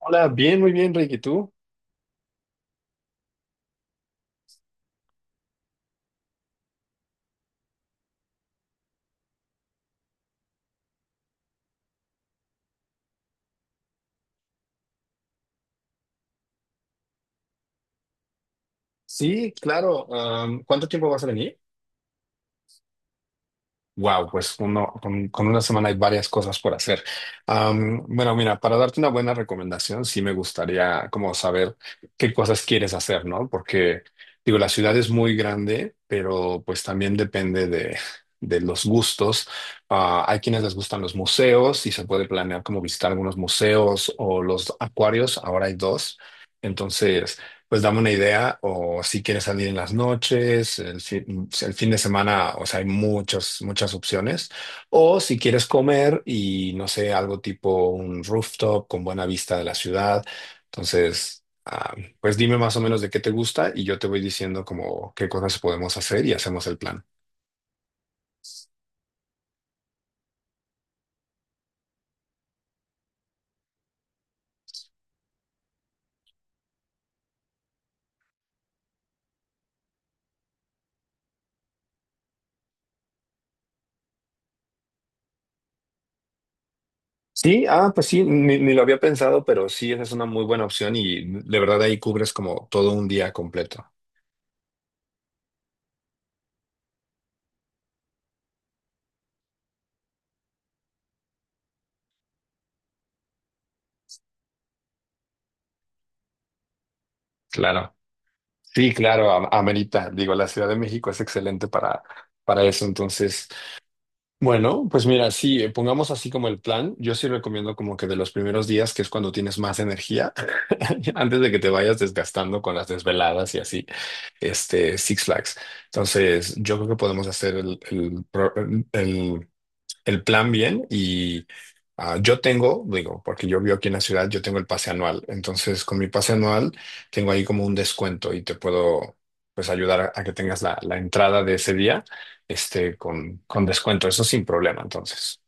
Hola, bien, muy bien, Ricky. ¿Tú? Sí, claro. ¿Cuánto tiempo vas a venir? Wow, pues uno, con una semana hay varias cosas por hacer. Bueno, mira, para darte una buena recomendación, sí me gustaría como saber qué cosas quieres hacer, ¿no? Porque, digo, la ciudad es muy grande, pero pues también depende de los gustos. Ah, hay quienes les gustan los museos y se puede planear como visitar algunos museos o los acuarios. Ahora hay dos. Entonces. Pues dame una idea, o si quieres salir en las noches, el fin de semana, o sea, hay muchas, muchas opciones. O si quieres comer y, no sé, algo tipo un rooftop con buena vista de la ciudad. Entonces, pues dime más o menos de qué te gusta y yo te voy diciendo como qué cosas podemos hacer y hacemos el plan. Sí, pues sí, ni lo había pensado, pero sí, esa es una muy buena opción y de verdad ahí cubres como todo un día completo. Claro. Sí, claro, amerita. Digo, la Ciudad de México es excelente para eso. Entonces, bueno, pues mira, sí, pongamos así como el plan. Yo sí recomiendo como que de los primeros días, que es cuando tienes más energía, antes de que te vayas desgastando con las desveladas y así, Six Flags. Entonces, yo creo que podemos hacer el, el plan bien y yo tengo, digo, porque yo vivo aquí en la ciudad, yo tengo el pase anual. Entonces, con mi pase anual tengo ahí como un descuento y te puedo pues ayudar a que tengas la entrada de ese día con descuento. Eso sin problema, entonces.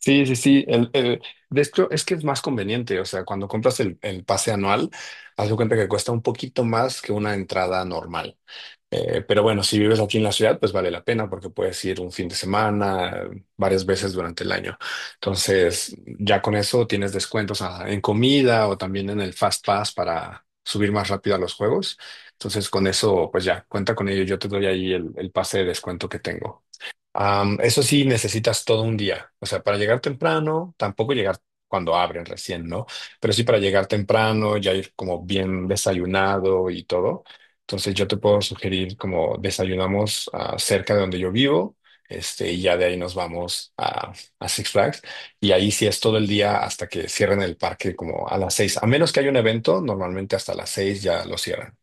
Sí, sí, sí. De hecho, es que es más conveniente. O sea, cuando compras el pase anual, haz de cuenta que cuesta un poquito más que una entrada normal. Pero bueno, si vives aquí en la ciudad, pues vale la pena porque puedes ir un fin de semana, varias veces durante el año. Entonces, ya con eso tienes descuentos en comida o también en el Fast Pass para subir más rápido a los juegos. Entonces, con eso, pues ya, cuenta con ello. Yo te doy ahí el pase de descuento que tengo. Eso sí, necesitas todo un día. O sea, para llegar temprano, tampoco llegar cuando abren recién, ¿no? Pero sí para llegar temprano, ya ir como bien desayunado y todo. Entonces yo te puedo sugerir como desayunamos cerca de donde yo vivo, y ya de ahí nos vamos a Six Flags. Y ahí sí es todo el día hasta que cierren el parque como a las 6. A menos que haya un evento, normalmente hasta las 6 ya lo cierran.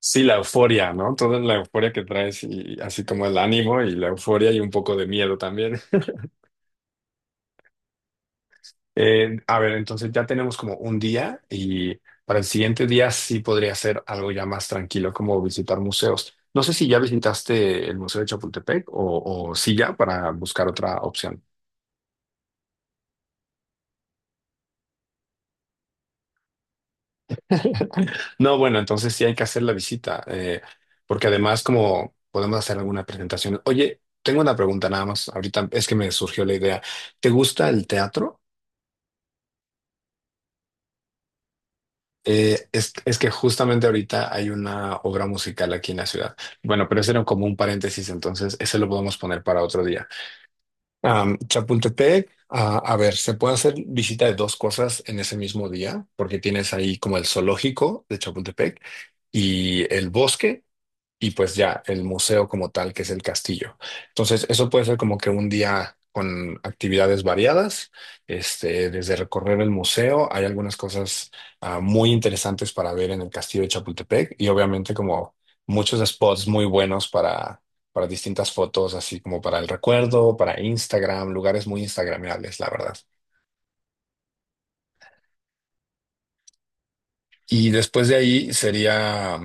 Sí, la euforia, ¿no? Toda la euforia que traes y así como el ánimo y la euforia y un poco de miedo también. A ver, entonces ya tenemos como un día y para el siguiente día sí podría ser algo ya más tranquilo, como visitar museos. No sé si ya visitaste el Museo de Chapultepec o sí ya para buscar otra opción. No, bueno, entonces sí hay que hacer la visita, porque además como podemos hacer alguna presentación. Oye, tengo una pregunta nada más, ahorita es que me surgió la idea. ¿Te gusta el teatro? Es que justamente ahorita hay una obra musical aquí en la ciudad. Bueno, pero ese era como un paréntesis, entonces ese lo podemos poner para otro día. Chapultepec, a ver, se puede hacer visita de dos cosas en ese mismo día, porque tienes ahí como el zoológico de Chapultepec y el bosque, y pues ya el museo como tal, que es el castillo. Entonces, eso puede ser como que un día con actividades variadas, desde recorrer el museo, hay algunas cosas muy interesantes para ver en el castillo de Chapultepec y obviamente como muchos spots muy buenos para distintas fotos, así como para el recuerdo, para Instagram, lugares muy instagramables, la verdad. Y después de ahí sería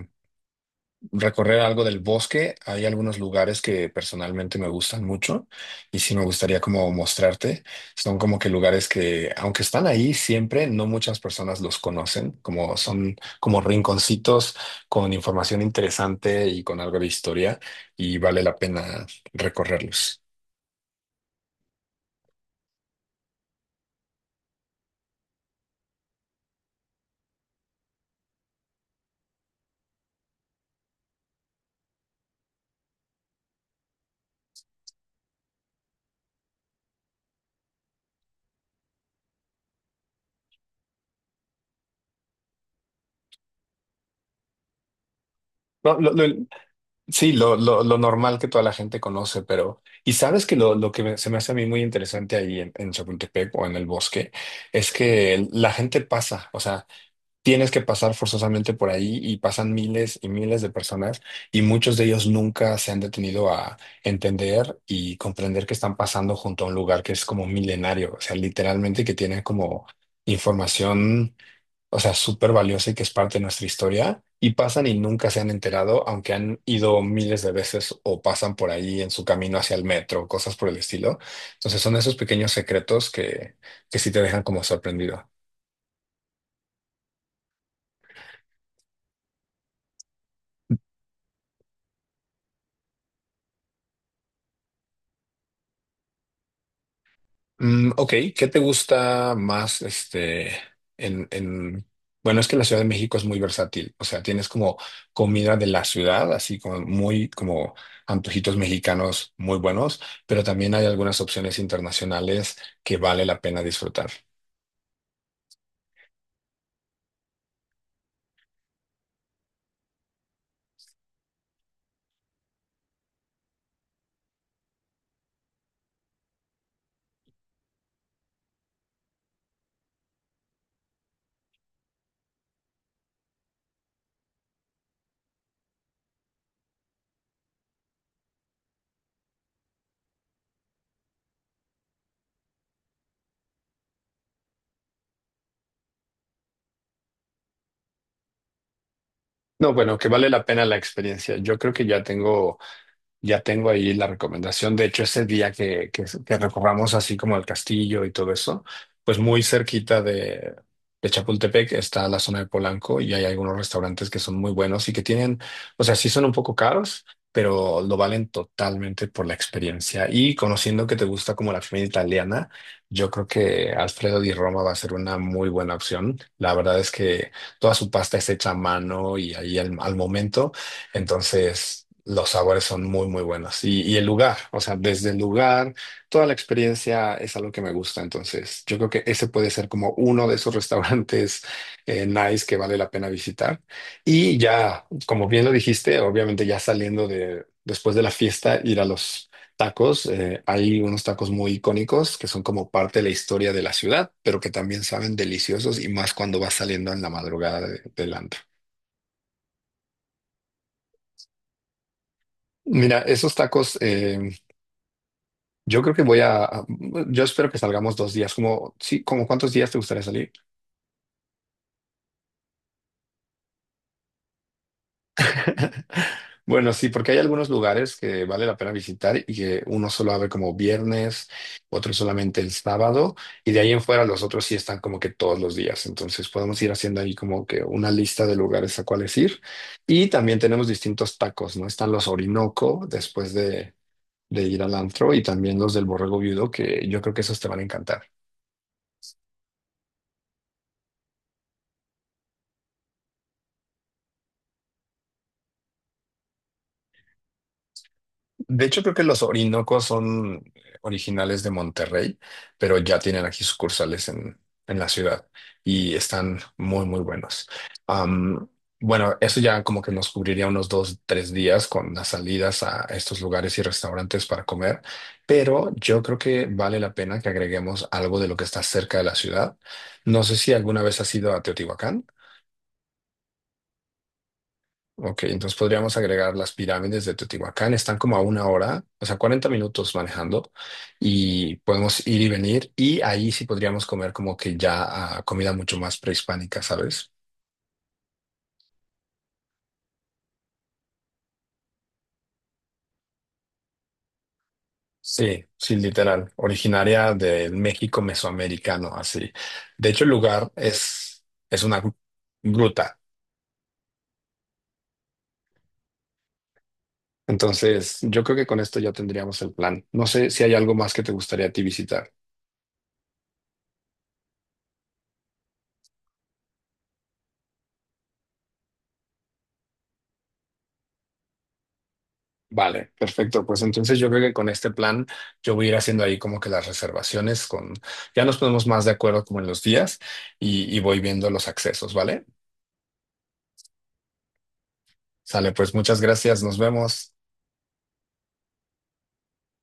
recorrer algo del bosque. Hay algunos lugares que personalmente me gustan mucho y sí me gustaría como mostrarte. Son como que lugares que, aunque están ahí siempre, no muchas personas los conocen, como son como rinconcitos con información interesante y con algo de historia y vale la pena recorrerlos. No, lo- Sí, lo normal que toda la gente conoce, pero. Y sabes que se me hace a mí muy interesante ahí en Chapultepec o en el bosque es que la gente pasa, o sea, tienes que pasar forzosamente por ahí y pasan miles y miles de personas y muchos de ellos nunca se han detenido a entender y comprender que están pasando junto a un lugar que es como milenario, o sea, literalmente que tiene como información, o sea, súper valiosa y que es parte de nuestra historia, y pasan y nunca se han enterado, aunque han ido miles de veces o pasan por ahí en su camino hacia el metro, cosas por el estilo. Entonces son esos pequeños secretos que sí te dejan como sorprendido. Ok, ¿qué te gusta más, en, en, bueno, es que la Ciudad de México es muy versátil, o sea, tienes como comida de la ciudad, así como muy, como antojitos mexicanos muy buenos, pero también hay algunas opciones internacionales que vale la pena disfrutar. No, bueno, que vale la pena la experiencia. Yo creo que ya tengo Ya tengo ahí la recomendación. De hecho, ese día que recorramos así como el castillo y todo eso, pues muy cerquita de Chapultepec está la zona de Polanco y hay algunos restaurantes que son muy buenos y que tienen, o sea, sí son un poco caros, pero lo valen totalmente por la experiencia. Y conociendo que te gusta como la comida italiana, yo creo que Alfredo di Roma va a ser una muy buena opción. La verdad es que toda su pasta es hecha a mano y ahí al momento. Entonces, los sabores son muy, muy buenos. Y el lugar, o sea, desde el lugar, toda la experiencia es algo que me gusta. Entonces, yo creo que ese puede ser como uno de esos restaurantes nice que vale la pena visitar. Y ya, como bien lo dijiste, obviamente ya saliendo de, después de la fiesta, ir a los tacos. Hay unos tacos muy icónicos que son como parte de la historia de la ciudad, pero que también saben deliciosos y más cuando vas saliendo en la madrugada del antro. Mira, esos tacos yo creo que yo espero que salgamos 2 días, como, sí, como cuántos días te gustaría salir. Bueno, sí, porque hay algunos lugares que vale la pena visitar y que uno solo abre como viernes, otro solamente el sábado, y de ahí en fuera los otros sí están como que todos los días. Entonces podemos ir haciendo ahí como que una lista de lugares a cuáles ir. Y también tenemos distintos tacos, ¿no? Están los Orinoco después de ir al antro y también los del Borrego Viudo, que yo creo que esos te van a encantar. De hecho, creo que los Orinocos son originales de Monterrey, pero ya tienen aquí sucursales en la ciudad y están muy, muy buenos. Am, bueno, eso ya como que nos cubriría unos dos, tres días con las salidas a estos lugares y restaurantes para comer, pero yo creo que vale la pena que agreguemos algo de lo que está cerca de la ciudad. No sé si alguna vez has ido a Teotihuacán. Ok, entonces podríamos agregar las pirámides de Teotihuacán. Están como a una hora, o sea, 40 minutos manejando y podemos ir y venir. Y ahí sí podríamos comer como que ya comida mucho más prehispánica, ¿sabes? Sí, sí, literal. Originaria del México mesoamericano, así. De hecho, el lugar es una gruta. Entonces, yo creo que con esto ya tendríamos el plan. No sé si hay algo más que te gustaría a ti visitar. Vale, perfecto. Pues entonces yo creo que con este plan yo voy a ir haciendo ahí como que las reservaciones con, ya nos ponemos más de acuerdo como en los días y voy viendo los accesos, ¿vale? Sale, pues muchas gracias, nos vemos.